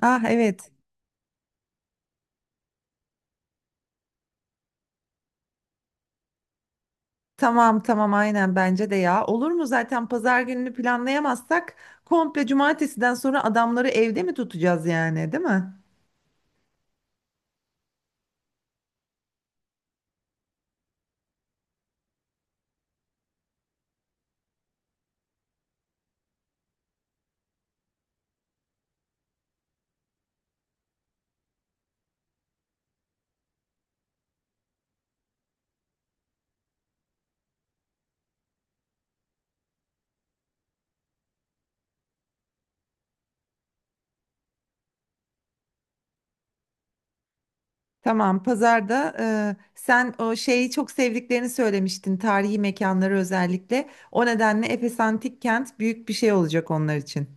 Ah evet. Tamam tamam aynen bence de ya. Olur mu zaten pazar gününü planlayamazsak komple cumartesiden sonra adamları evde mi tutacağız yani değil mi? Tamam pazarda sen o şeyi çok sevdiklerini söylemiştin, tarihi mekanları özellikle. O nedenle Efes Antik Kent büyük bir şey olacak onlar için.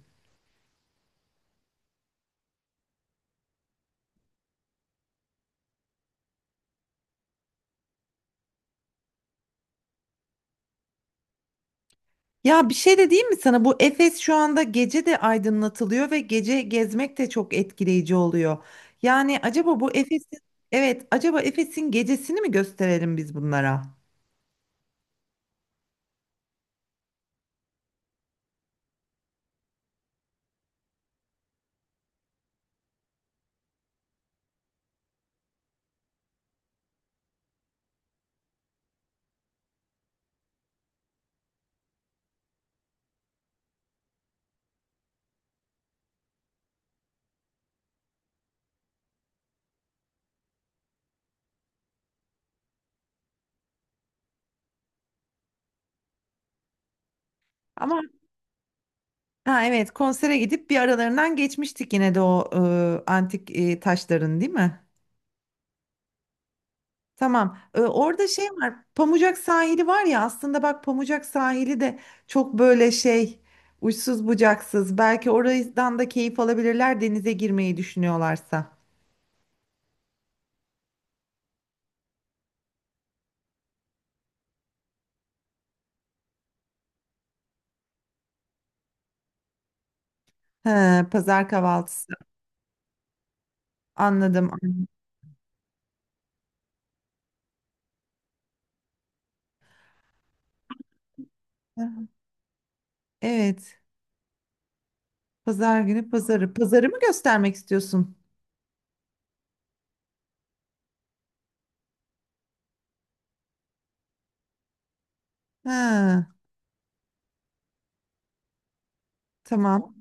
Ya bir şey de diyeyim mi sana? Bu Efes şu anda gece de aydınlatılıyor ve gece gezmek de çok etkileyici oluyor. Yani acaba bu Efes'in Evet, acaba Efes'in gecesini mi gösterelim biz bunlara? Ama ha evet, konsere gidip bir aralarından geçmiştik yine de o antik taşların, değil mi? Tamam. Orada şey var. Pamucak sahili var ya, aslında bak Pamucak sahili de çok böyle şey, uçsuz bucaksız. Belki oradan da keyif alabilirler denize girmeyi düşünüyorlarsa. He, pazar kahvaltısı. Anladım, anladım. Evet. Pazar günü pazarı. Pazarı mı göstermek istiyorsun? Ha, tamam.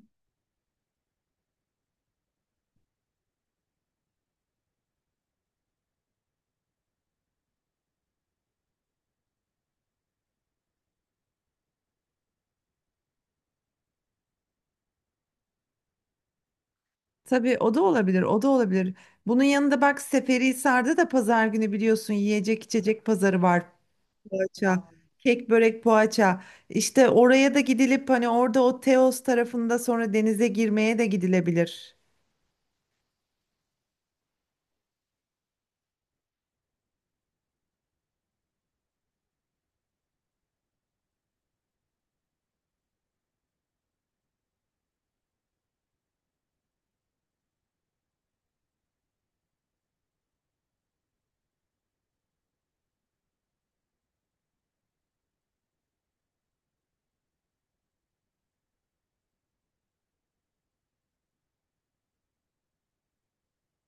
Tabii o da olabilir. O da olabilir. Bunun yanında bak Seferihisar'da da pazar günü biliyorsun yiyecek içecek pazarı var. Poğaça. Kek, börek, poğaça. İşte oraya da gidilip hani orada o Teos tarafında sonra denize girmeye de gidilebilir.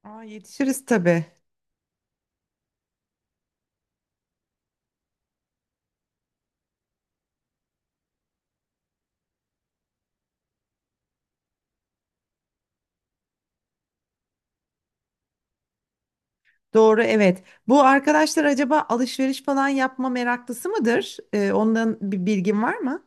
Aa, yetişiriz tabii. Doğru evet. Bu arkadaşlar acaba alışveriş falan yapma meraklısı mıdır? Ondan bir bilgin var mı?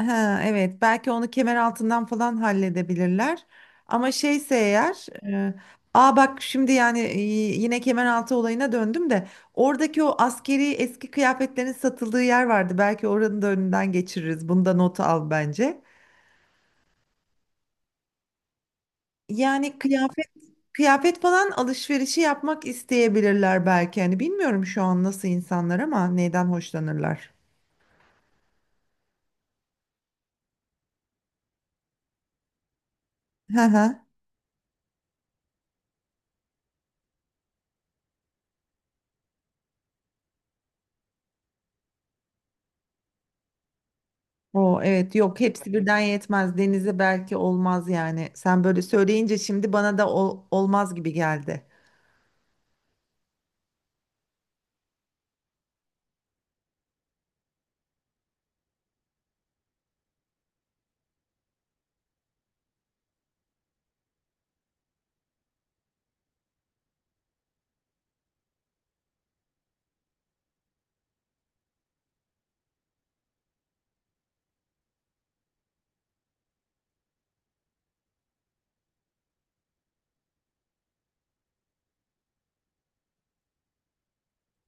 Ha evet, belki onu kemer altından falan halledebilirler. Ama şeyse eğer e, aa bak şimdi yani, yine kemer altı olayına döndüm de oradaki o askeri eski kıyafetlerin satıldığı yer vardı. Belki oranın da önünden geçiririz. Bunda notu al bence. Yani kıyafet falan alışverişi yapmak isteyebilirler belki. Hani bilmiyorum şu an nasıl insanlar ama neyden hoşlanırlar. Hı hı. O evet, yok hepsi birden yetmez. Denize belki olmaz yani. Sen böyle söyleyince şimdi bana da olmaz gibi geldi.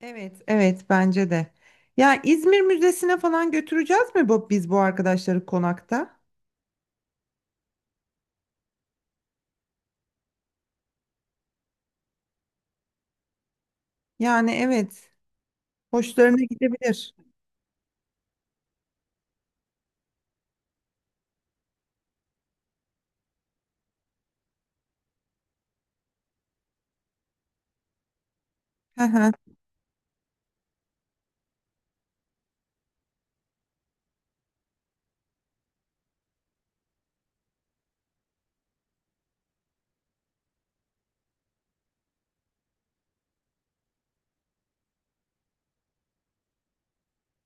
Evet evet, bence de. Ya İzmir Müzesi'ne falan götüreceğiz mi bu, biz bu arkadaşları konakta? Yani evet, hoşlarına gidebilir. Hı hı.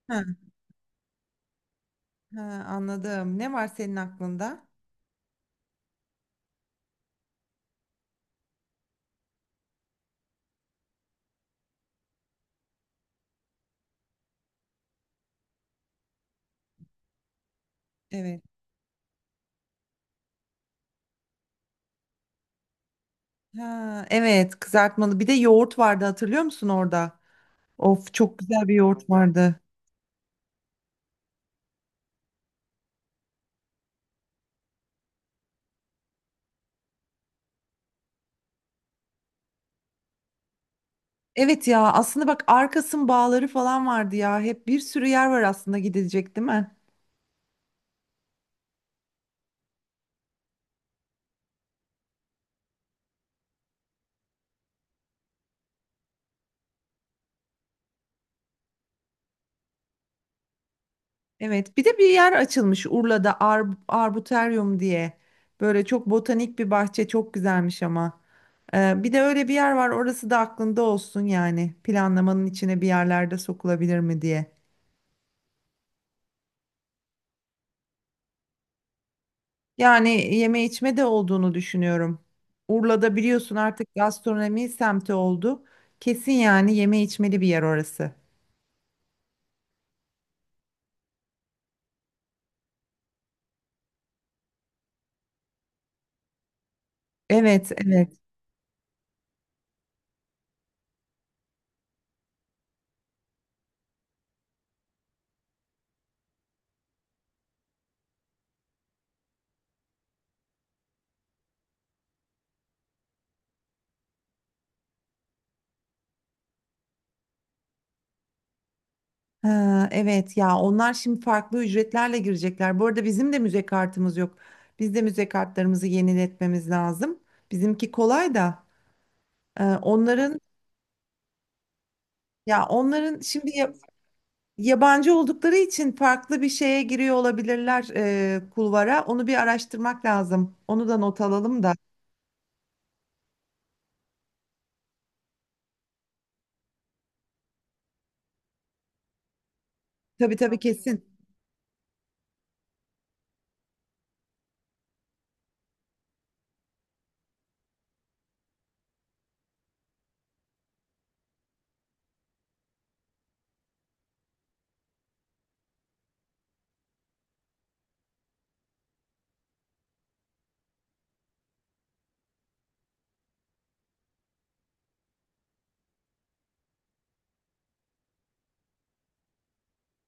Ha, ha, anladım. Ne var senin aklında? Evet. Ha evet, kızartmalı. Bir de yoğurt vardı, hatırlıyor musun orada? Of, çok güzel bir yoğurt vardı. Evet ya, aslında bak Arkas'ın bağları falan vardı ya. Hep bir sürü yer var aslında gidilecek, değil mi? Evet, bir de bir yer açılmış Urla'da, Ar Arboretum diye. Böyle çok botanik bir bahçe, çok güzelmiş ama. Bir de öyle bir yer var, orası da aklında olsun yani. Planlamanın içine bir yerlerde sokulabilir mi diye. Yani yeme içme de olduğunu düşünüyorum. Urla'da biliyorsun artık gastronomi semti oldu. Kesin yani, yeme içmeli bir yer orası. Evet evet. Ha evet, ya onlar şimdi farklı ücretlerle girecekler. Bu arada bizim de müze kartımız yok. Biz de müze kartlarımızı yeniletmemiz lazım. Bizimki kolay da, onların, ya onların şimdi, yabancı oldukları için farklı bir şeye giriyor olabilirler, kulvara. Onu bir araştırmak lazım. Onu da not alalım da. Tabii tabii, kesin.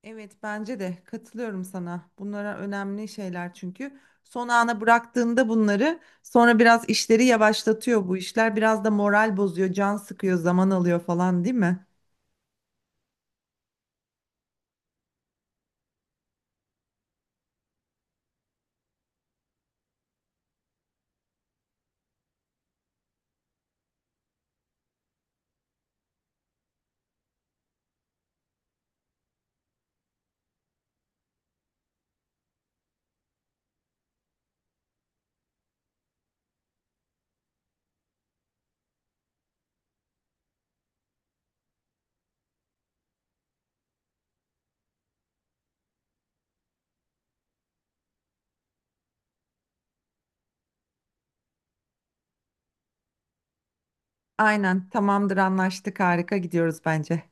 Evet, bence de katılıyorum sana. Bunlara önemli şeyler çünkü son ana bıraktığında bunları, sonra biraz işleri yavaşlatıyor bu işler. Biraz da moral bozuyor, can sıkıyor, zaman alıyor falan, değil mi? Aynen, tamamdır, anlaştık, harika gidiyoruz bence.